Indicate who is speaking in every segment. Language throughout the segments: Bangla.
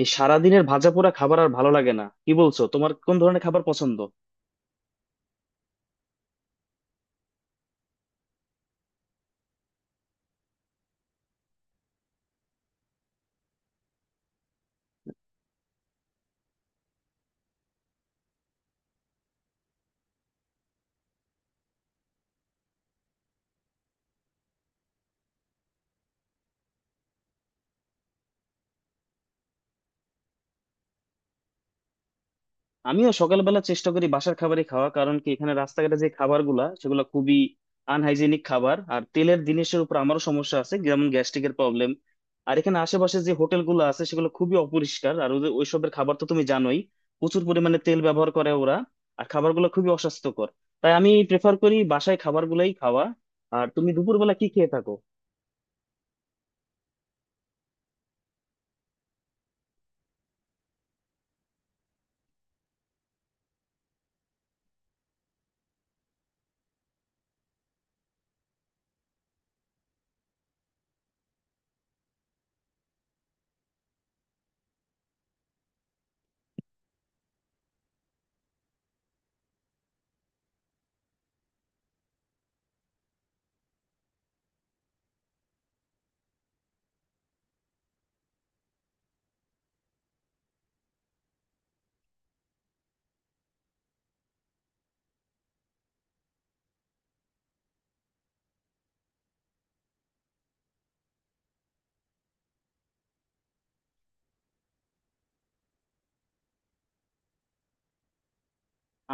Speaker 1: এই সারাদিনের ভাজাপোড়া খাবার আর ভালো লাগে না, কি বলছো? তোমার কোন ধরনের খাবার পছন্দ? আমিও সকালবেলা চেষ্টা করি বাসার খাবারই খাওয়া, কারণ কি এখানে রাস্তাঘাটে যে খাবারগুলা সেগুলো খুবই আনহাইজেনিক খাবার, আর তেলের জিনিসের উপর আমারও সমস্যা আছে, যেমন গ্যাস্ট্রিকের প্রবলেম। আর এখানে আশেপাশে যে হোটেলগুলো আছে সেগুলো খুবই অপরিষ্কার, আর ওদের ওইসবের খাবার তো তুমি জানোই, প্রচুর পরিমাণে তেল ব্যবহার করে ওরা, আর খাবারগুলো খুবই অস্বাস্থ্যকর। তাই আমি প্রেফার করি বাসায় খাবারগুলাই খাওয়া। আর তুমি দুপুরবেলা কি খেয়ে থাকো?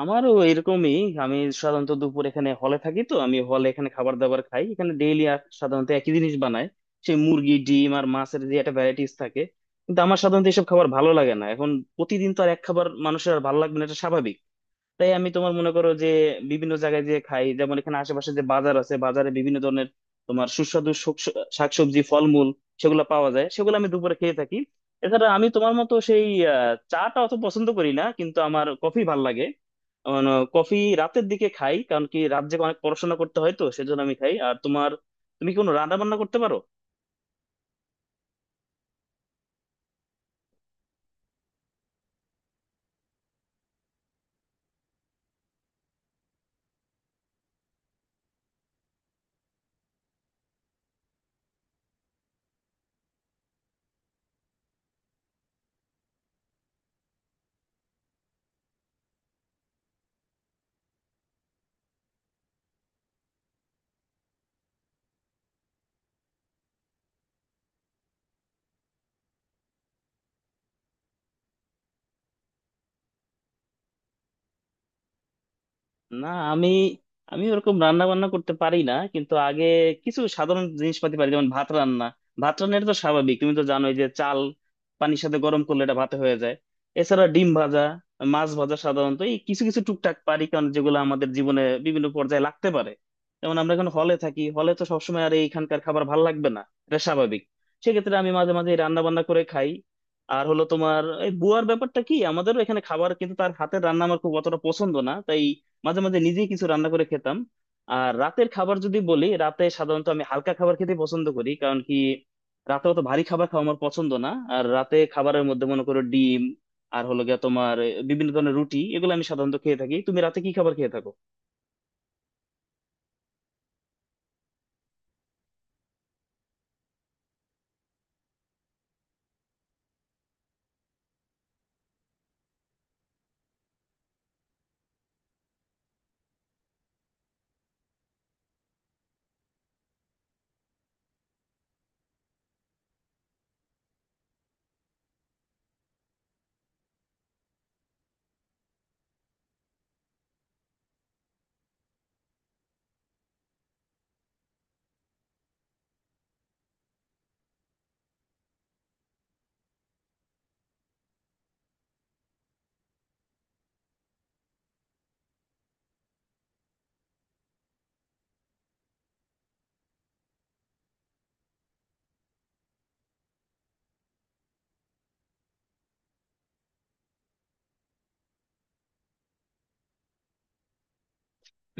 Speaker 1: আমারও এরকমই। আমি সাধারণত দুপুর এখানে হলে থাকি, তো আমি হলে এখানে খাবার দাবার খাই, এখানে ডেইলি সাধারণত একই জিনিস বানায়, সেই মুরগি, ডিম আর মাছের যে একটা ভ্যারাইটিস থাকে। কিন্তু আমার সাধারণত এসব খাবার ভালো লাগে না এখন, প্রতিদিন তো আর এক খাবার মানুষের আর ভালো লাগবে না, এটা স্বাভাবিক। তাই আমি তোমার মনে করো যে বিভিন্ন জায়গায় যে খাই, যেমন এখানে আশেপাশে যে বাজার আছে, বাজারে বিভিন্ন ধরনের তোমার সুস্বাদু শাকসবজি, ফলমূল সেগুলো পাওয়া যায়, সেগুলো আমি দুপুরে খেয়ে থাকি। এছাড়া আমি তোমার মতো সেই চাটা অত পছন্দ করি না, কিন্তু আমার কফি ভাল লাগে, মানে কফি রাতের দিকে খাই, কারণ কি রাত জেগে অনেক পড়াশোনা করতে হয়, তো সেজন্য আমি খাই। আর তোমার, তুমি কি কোনো রান্না বান্না করতে পারো? না আমি আমি ওরকম রান্না বান্না করতে পারি না, কিন্তু আগে কিছু সাধারণ জিনিসপাতি পারি, যেমন ভাত রান্না। ভাত রান্না এটা তো স্বাভাবিক, তুমি তো জানোই যে চাল পানির সাথে গরম করলে এটা ভাতে হয়ে যায়। এছাড়া ডিম ভাজা, মাছ ভাজা, সাধারণত এই কিছু কিছু টুকটাক পারি, কারণ যেগুলো আমাদের জীবনে বিভিন্ন পর্যায়ে লাগতে পারে। যেমন আমরা এখন হলে থাকি, হলে তো সবসময় আর এইখানকার খাবার ভাল লাগবে না, এটা স্বাভাবিক। সেক্ষেত্রে আমি মাঝে মাঝে রান্না বান্না করে খাই। আর হলো তোমার এই বুয়ার ব্যাপারটা, কি আমাদেরও এখানে খাবার, কিন্তু তার হাতের রান্না আমার খুব অতটা পছন্দ না, তাই মাঝে মাঝে নিজেই কিছু রান্না করে খেতাম। আর রাতের খাবার যদি বলি, রাতে সাধারণত আমি হালকা খাবার খেতে পছন্দ করি, কারণ কি রাতে অত ভারী খাবার খাওয়া আমার পছন্দ না। আর রাতে খাবারের মধ্যে মনে করো ডিম, আর হলো গিয়া তোমার বিভিন্ন ধরনের রুটি, এগুলো আমি সাধারণত খেয়ে থাকি। তুমি রাতে কি খাবার খেয়ে থাকো?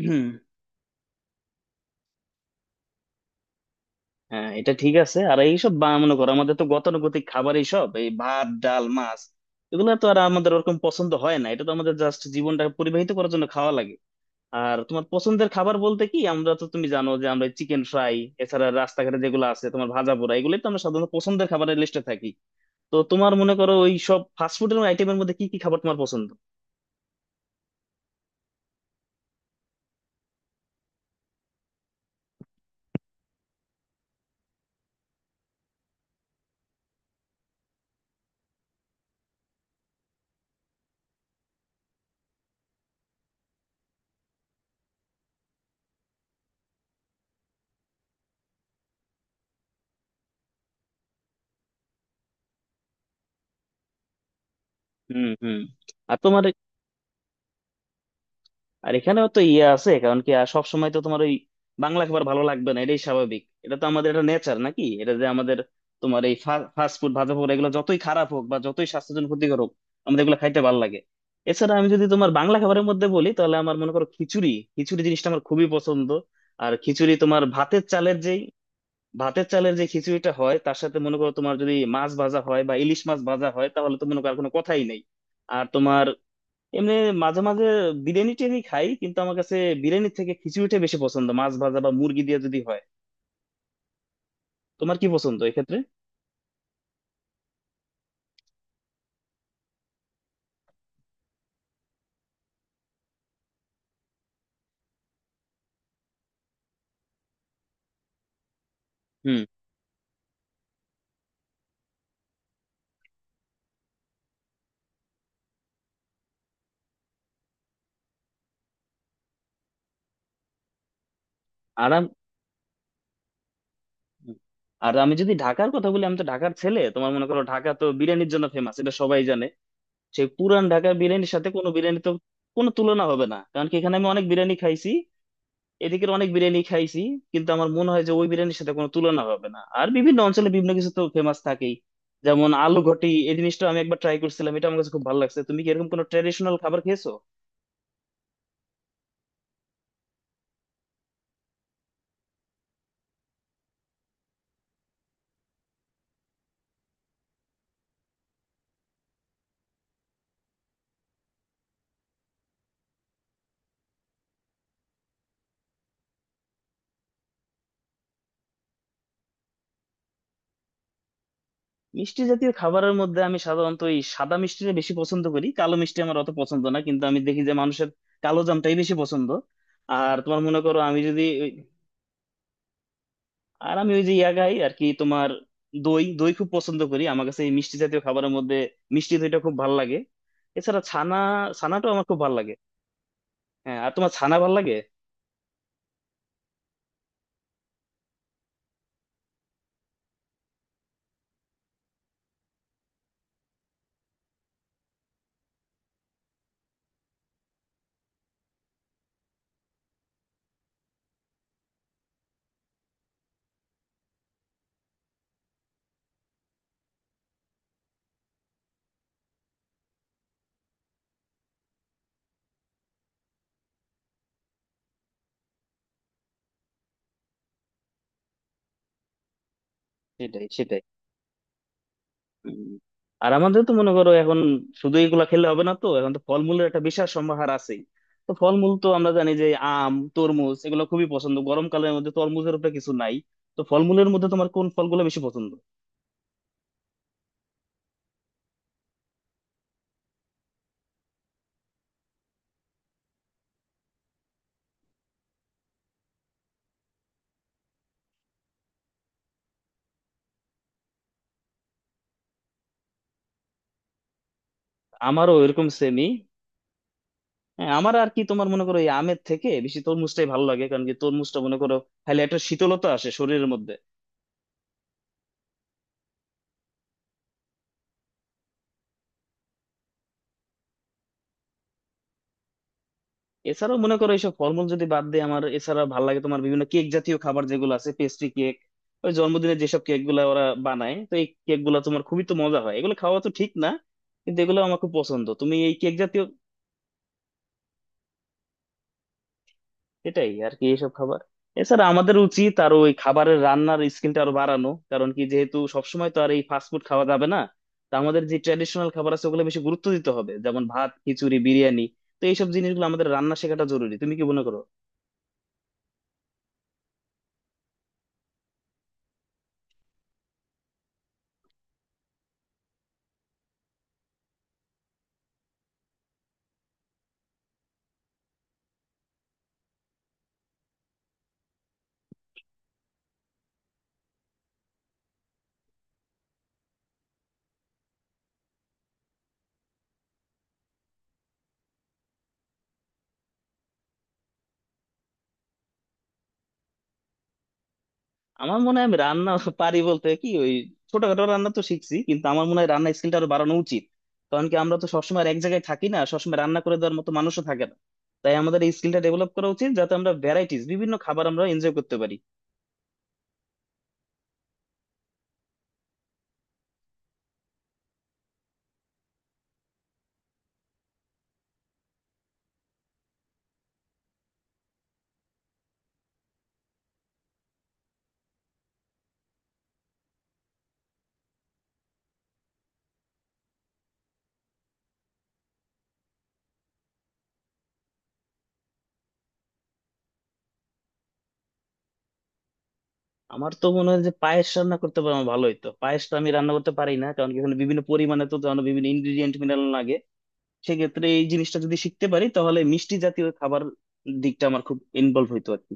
Speaker 1: হুম। হ্যাঁ এটা ঠিক আছে। আর এইসব বা মনে করো আমাদের তো গতানুগতিক খাবার, এইসব এই ভাত, ডাল, মাছ, এগুলো তো আর আমাদের ওরকম পছন্দ হয় না, এটা তো আমাদের জাস্ট জীবনটা পরিবাহিত করার জন্য খাওয়া লাগে। আর তোমার পছন্দের খাবার বলতে কি, আমরা তো তুমি জানো যে আমরা চিকেন ফ্রাই, এছাড়া রাস্তাঘাটে যেগুলো আছে তোমার ভাজা পোড়া, এগুলোই তো আমরা সাধারণত পছন্দের খাবারের লিস্টে থাকি। তো তোমার মনে করো ওই সব ফাস্টফুডের আইটেমের মধ্যে কি কি খাবার তোমার পছন্দ? হুম, হুম। আর তোমার, আর এখানেও তো ইয়ে আছে, কারণ কি আর সব সময় তো তোমার ওই বাংলা খাবার ভালো লাগবে না, এটাই স্বাভাবিক। এটা তো আমাদের, এটা নেচার নাকি, এটা যে আমাদের তোমার এই ফাস্ট ফুড, ভাজা পোড়া, এগুলো যতই খারাপ হোক বা যতই স্বাস্থ্যের জন্য ক্ষতিকর হোক, আমাদের এগুলো খাইতে ভালো লাগে। এছাড়া আমি যদি তোমার বাংলা খাবারের মধ্যে বলি, তাহলে আমার মনে করো খিচুড়ি, খিচুড়ি জিনিসটা আমার খুবই পছন্দ। আর খিচুড়ি তোমার ভাতের চালের যেই, ভাতের চালের যে খিচুড়িটা হয় তার সাথে মনে করো তোমার যদি মাছ ভাজা হয় বা ইলিশ মাছ ভাজা হয়, তাহলে তো মনে করো আর কোনো কথাই নেই। আর তোমার এমনি মাঝে মাঝে বিরিয়ানি টিরিয়ানি খাই, কিন্তু আমার কাছে বিরিয়ানির থেকে খিচুড়িটা বেশি পছন্দ, মাছ ভাজা বা মুরগি দিয়ে যদি হয়। তোমার কি পছন্দ এক্ষেত্রে? হুম। আর আম- আর আমি যদি ঢাকার কথা বলি, আমি তো ঢাকার ছেলে, তোমার মনে করো ঢাকা তো বিরিয়ানির জন্য ফেমাস, এটা সবাই জানে। সেই পুরান ঢাকার বিরিয়ানির সাথে কোনো বিরিয়ানি তো কোনো তুলনা হবে না, কারণ কি এখানে আমি অনেক বিরিয়ানি খাইছি, এদিকের অনেক বিরিয়ানি খাইছি, কিন্তু আমার মনে হয় যে ওই বিরিয়ানির সাথে কোনো তুলনা হবে না। আর বিভিন্ন অঞ্চলে বিভিন্ন কিছু তো ফেমাস থাকেই, যেমন আলু ঘটি এই জিনিসটা আমি একবার ট্রাই করছিলাম, এটা আমার কাছে খুব ভালো লাগছে। তুমি কি এরকম কোনো ট্রেডিশনাল খাবার খেয়েছো? মিষ্টি জাতীয় খাবারের মধ্যে আমি সাধারণত এই সাদা মিষ্টিটা বেশি পছন্দ করি, কালো মিষ্টি আমার অত পছন্দ না, কিন্তু আমি দেখি যে মানুষের কালো জামটাই বেশি পছন্দ। আর তোমার মনে করো আমি যদি, আর আমি ওই যে ইয়া খাই আর কি, তোমার দই, দই খুব পছন্দ করি। আমার কাছে এই মিষ্টি জাতীয় খাবারের মধ্যে মিষ্টি দইটা খুব ভালো লাগে। এছাড়া ছানা, ছানাটাও আমার খুব ভালো লাগে। হ্যাঁ, আর তোমার ছানা ভালো লাগে? সেটাই, সেটাই। উম। আর আমাদের তো মনে করো এখন শুধু এগুলা খেলে হবে না, তো এখন তো ফলমূলের একটা বিশাল সম্ভার আছেই। তো ফলমূল তো আমরা জানি যে আম, তরমুজ এগুলো খুবই পছন্দ, গরমকালের মধ্যে তরমুজের উপরে কিছু নাই। তো ফলমূলের মধ্যে তোমার কোন ফলগুলো বেশি পছন্দ? আমারও এরকম সেমই। হ্যাঁ আমার আর কি তোমার মনে করো এই আমের থেকে বেশি তরমুজটাই ভালো লাগে, কারণ কি তরমুজটা মনে করো তাহলে একটা শীতলতা আসে শরীরের মধ্যে। এছাড়াও মনে করো এইসব ফলমূল যদি বাদ দিয়ে আমার এছাড়া ভালো লাগে তোমার বিভিন্ন কেক জাতীয় খাবার যেগুলো আছে, পেস্ট্রি কেক, ওই জন্মদিনে যেসব কেক গুলা ওরা বানায়, তো এই কেক গুলা তোমার খুবই তো মজা হয়, এগুলো খাওয়া তো ঠিক না, কিন্তু এগুলো আমার খুব পছন্দ। তুমি এই কেক জাতীয় এটাই আর কি এইসব খাবার। এছাড়া আমাদের উচিত আরো ওই খাবারের রান্নার স্কিলটা আরো বাড়ানো, কারণ কি যেহেতু সবসময় তো আর এই ফাস্টফুড খাওয়া যাবে না, তা আমাদের যে ট্র্যাডিশনাল খাবার আছে ওগুলো বেশি গুরুত্ব দিতে হবে, যেমন ভাত, খিচুড়ি, বিরিয়ানি। তো এইসব জিনিসগুলো আমাদের রান্না শেখাটা জরুরি, তুমি কি মনে করো? আমার মনে হয় আমি রান্না পারি বলতে কি, ওই ছোটখাটো রান্না তো শিখছি, কিন্তু আমার মনে হয় রান্না স্কিলটা আরো বাড়ানো উচিত, কারণ কি আমরা তো সবসময় আর এক জায়গায় থাকি না, সবসময় রান্না করে দেওয়ার মতো মানুষও থাকে না। তাই আমাদের এই স্কিলটা ডেভেলপ করা উচিত, যাতে আমরা ভ্যারাইটিস বিভিন্ন খাবার আমরা এনজয় করতে পারি। আমার তো মনে হয় যে পায়েস রান্না করতে পারবো ভালো হইতো, পায়েসটা আমি রান্না করতে পারি না, কারণ কি এখানে বিভিন্ন পরিমাণে তো জানো বিভিন্ন ইনগ্রিডিয়েন্ট মিলানো লাগে। সেক্ষেত্রে এই জিনিসটা যদি শিখতে পারি তাহলে মিষ্টি জাতীয় খাবার দিকটা আমার খুব ইনভলভ হইতো আর কি।